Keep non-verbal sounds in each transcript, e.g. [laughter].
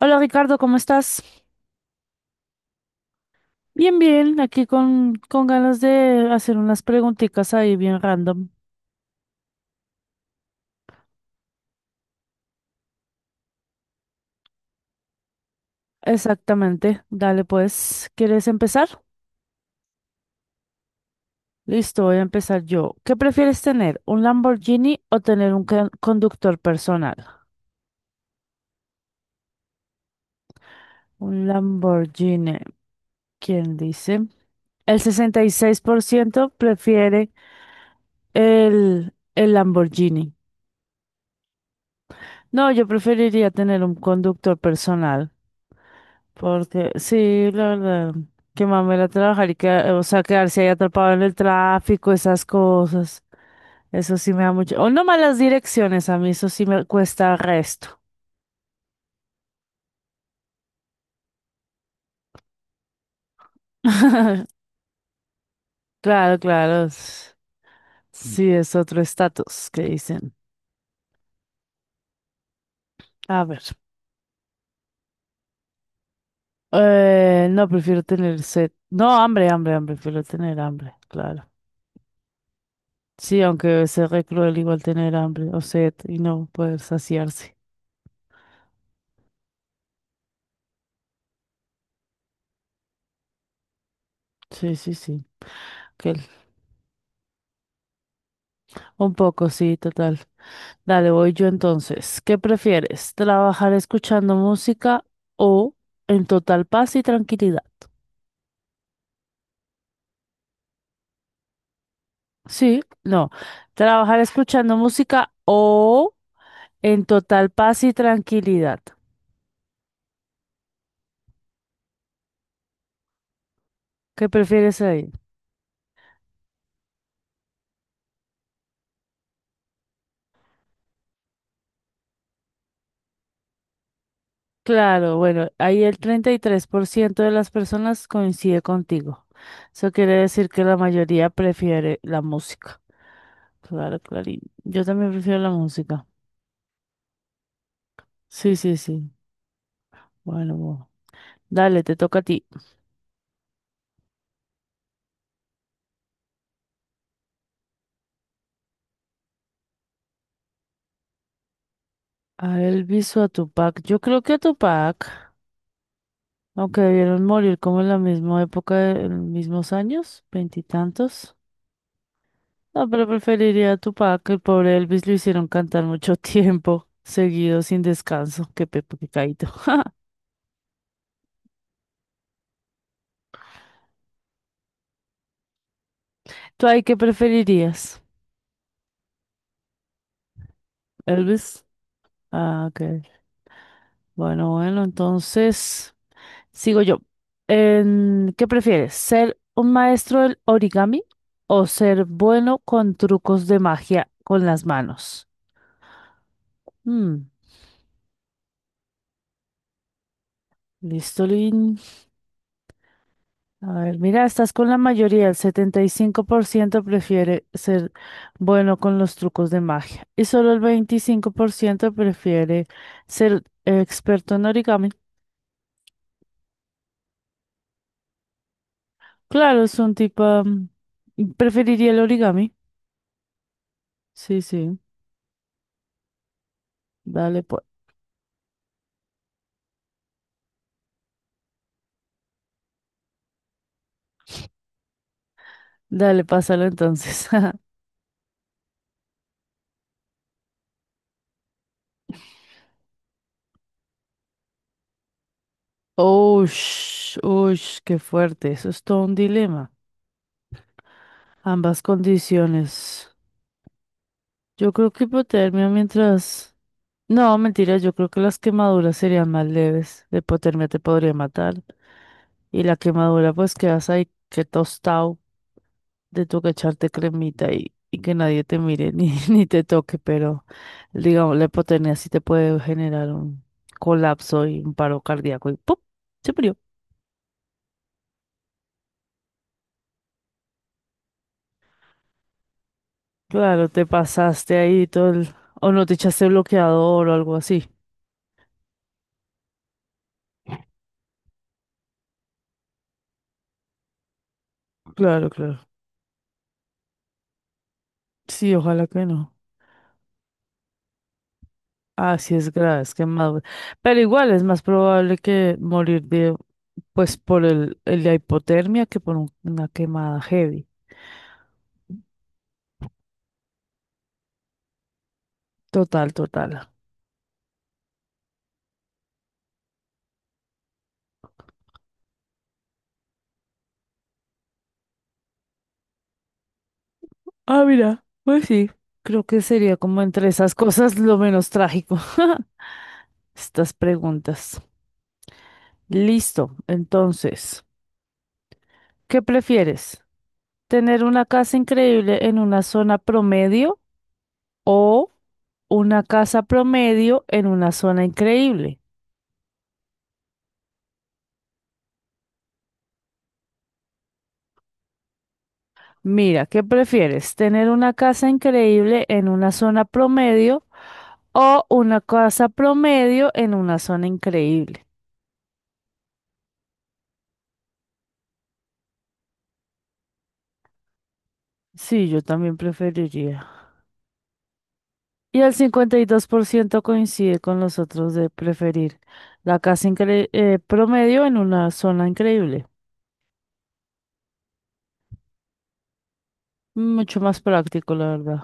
Hola Ricardo, ¿cómo estás? Bien, bien, aquí con ganas de hacer unas preguntitas ahí bien random. Exactamente, dale pues, ¿quieres empezar? Listo, voy a empezar yo. ¿Qué prefieres tener, un Lamborghini o tener un conductor personal? Un Lamborghini, ¿quién dice? El 66% prefiere el Lamborghini. No, yo preferiría tener un conductor personal. Porque, sí, la verdad, que mamera trabajar y que, o sea, quedarse ahí atrapado en el tráfico, esas cosas. Eso sí me da mucho. O no malas direcciones, a mí eso sí me cuesta resto. [laughs] Claro, claro. Sí, es otro estatus que dicen. A ver. No, prefiero tener sed. No, hambre, hambre, hambre. Prefiero tener hambre, claro. Sí, aunque debe ser re cruel igual tener hambre o sed y no poder saciarse. Sí, sí, sí. que el- Un poco, sí, total. Dale, voy yo entonces. ¿Qué prefieres? ¿Trabajar escuchando música o en total paz y tranquilidad? Sí, no. Trabajar escuchando música o en total paz y tranquilidad. ¿Qué prefieres ahí? Claro, bueno, ahí el 33% de las personas coincide contigo. Eso quiere decir que la mayoría prefiere la música. Claro, clarín. Yo también prefiero la música. Sí, sí, sí. Bueno, bueno. Dale, te toca a ti. A Elvis o a Tupac. Yo creo que a Tupac, aunque debieron morir como en la misma época, en mismos años, veintitantos. No, pero preferiría a Tupac. El pobre Elvis lo hicieron cantar mucho [laughs] tiempo, seguido, sin descanso. Qué pepe, qué caído. [laughs] ¿Tú ahí qué preferirías? Elvis. Ah, ok. Bueno, bueno, entonces sigo yo. ¿Qué prefieres? ¿Ser un maestro del origami o ser bueno con trucos de magia con las manos? Mm, listo, Lin. A ver, mira, estás con la mayoría. El 75% prefiere ser bueno con los trucos de magia. Y solo el 25% prefiere ser experto en origami. Claro, es un tipo... mm, preferiría el origami. Sí, sí. Dale, pues. Dale, pásalo entonces. [laughs] Ush, ush, qué fuerte. Eso es todo un dilema. Ambas condiciones. Yo creo que hipotermia mientras... No, mentira, yo creo que las quemaduras serían más leves. La hipotermia te podría matar. Y la quemadura, pues quedas ahí que tostado de tu que echarte cremita y que nadie te mire ni, [laughs] ni te toque. Pero, digamos, la hipotermia sí te puede generar un colapso y un paro cardíaco y ¡pum! Se murió. Claro, te pasaste ahí todo el... O no te echaste bloqueador o algo así. Claro, claro. Sí, ojalá que no. Ah, sí es grave, es quemadura. Pero igual es más probable que morir de. Pues por el la hipotermia que por una quemada heavy. Total, total. Ah, mira, pues sí. Creo que sería como entre esas cosas lo menos trágico. [laughs] Estas preguntas. Listo. Entonces, ¿qué prefieres? ¿Tener una casa increíble en una zona promedio o una casa promedio en una zona increíble? Mira, ¿qué prefieres? ¿Tener una casa increíble en una zona promedio o una casa promedio en una zona increíble? Sí, yo también preferiría. Y el 52% coincide con los otros de preferir la casa promedio en una zona increíble. Mucho más práctico, la verdad.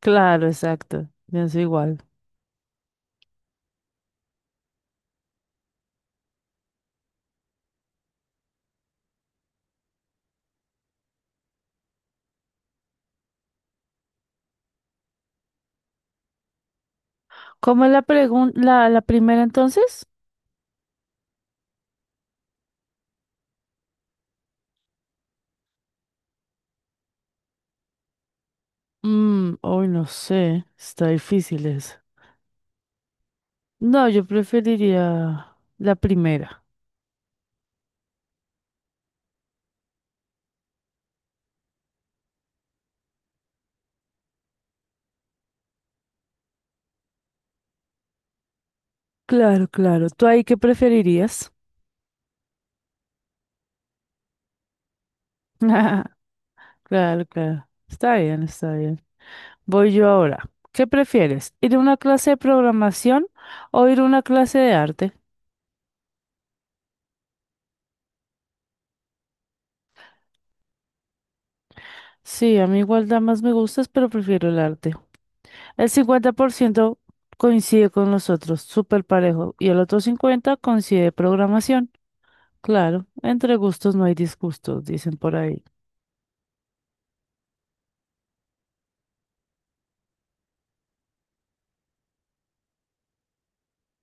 Claro, exacto. Pienso igual. ¿Cómo es la, la primera entonces? Mm, hoy no sé. Está difícil eso. No, yo preferiría la primera. Claro, claro. ¿Tú ahí qué preferirías? [laughs] Claro, claro. Está bien, está bien. Voy yo ahora. ¿Qué prefieres? ¿Ir a una clase de programación o ir a una clase de arte? Sí, a mí igual da más me gustas, pero prefiero el arte. El 50% coincide con nosotros, súper parejo, y el otro 50% coincide programación. Claro, entre gustos no hay disgustos, dicen por ahí.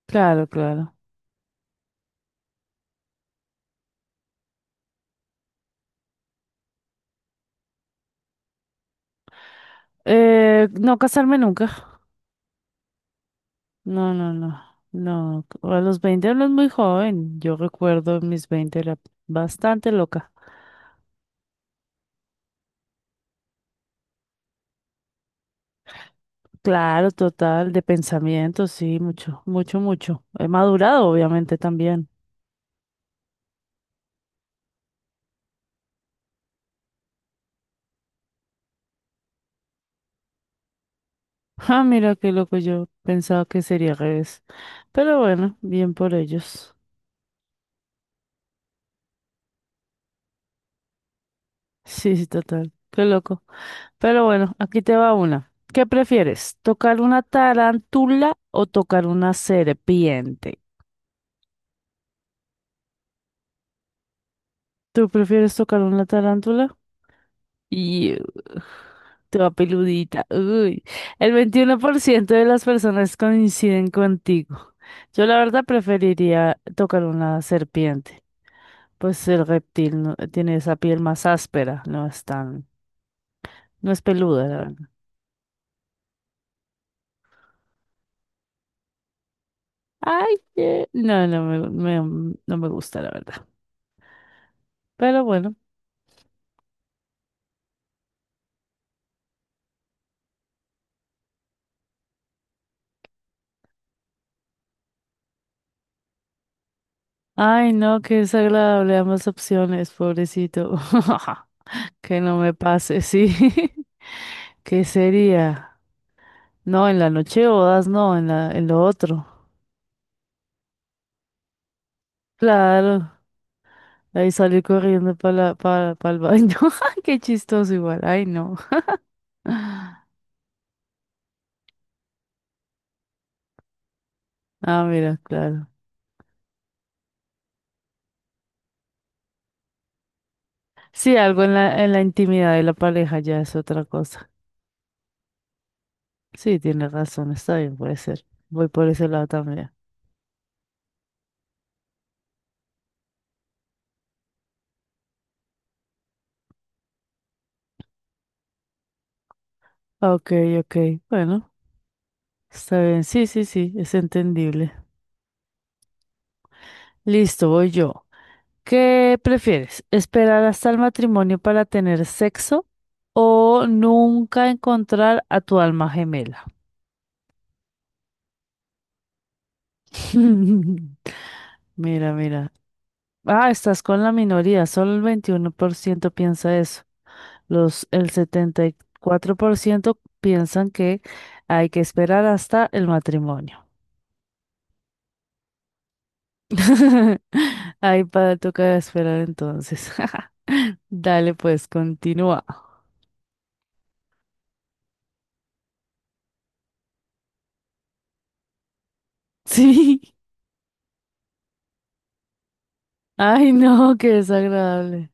Claro, claro. No casarme nunca. No, no, no, no. A los 20 uno es muy joven. Yo recuerdo mis 20 era bastante loca. Claro, total, de pensamiento, sí, mucho, mucho, mucho. He madurado, obviamente, también. [laughs] Ah, mira qué loco, yo pensaba que sería al revés. Pero bueno, bien por ellos. [laughs] Sí, sí, total, qué loco. Pero bueno, aquí te va una. ¿Qué prefieres? ¿Tocar una tarántula o tocar una serpiente? ¿Tú prefieres tocar una tarántula? Y ugh, toda peludita. Uy, el 21% de las personas coinciden contigo. Yo la verdad preferiría tocar una serpiente. Pues el reptil tiene esa piel más áspera, no es tan, no es peluda, la verdad. Ay, no, no me gusta, la verdad. Pero bueno. Ay, no, qué desagradable ambas opciones, pobrecito. [laughs] Que no me pase, sí. [laughs] ¿Qué sería? No, en la noche bodas, no, en la, en lo otro. Claro, ahí salí corriendo para el baño. [laughs] Qué chistoso igual, ay no. [laughs] Ah, mira, claro. Sí, algo en la intimidad de la pareja ya es otra cosa. Sí, tienes razón, está bien, puede ser. Voy por ese lado también. Ok, ok, bueno, está bien, sí, sí, sí, es entendible. Listo, voy yo. ¿Qué prefieres? ¿Esperar hasta el matrimonio para tener sexo o nunca encontrar a tu alma gemela? [laughs] Mira, mira. Ah, estás con la minoría. Solo el 21% piensa eso. El 74% piensan que hay que esperar hasta el matrimonio. [laughs] Ahí para toca esperar entonces. [laughs] Dale, pues, continúa. [laughs] Sí. Ay, no, qué desagradable.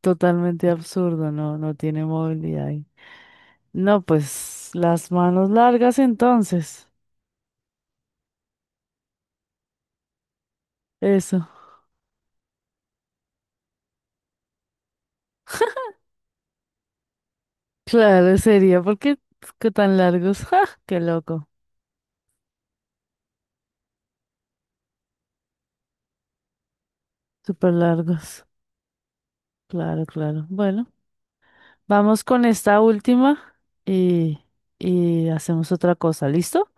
Totalmente absurdo, no, no tiene movilidad ahí. No, pues las manos largas entonces. Eso. [laughs] Claro, sería porque qué tan largos. [laughs] ¡Ja! ¡Qué loco! Súper largos. Claro, claro. Bueno, vamos con esta última y, y hacemos otra cosa. ¿Listo?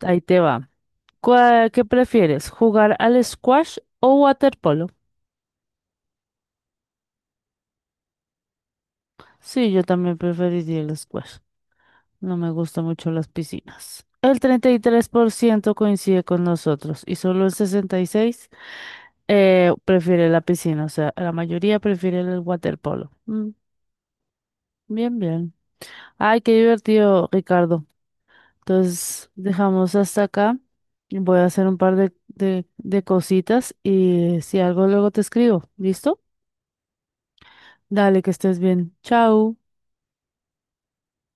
Ahí te va. ¿Qué prefieres? ¿Jugar al squash o waterpolo? Sí, yo también preferiría el squash. No me gustan mucho las piscinas. El treinta y tres por ciento coincide con nosotros y solo el 66% prefiere la piscina. O sea, la mayoría prefiere el waterpolo. Mm, bien, bien. Ay, qué divertido, Ricardo. Entonces, dejamos hasta acá. Voy a hacer un par de cositas y si algo luego te escribo. ¿Listo? Dale, que estés bien. Chao.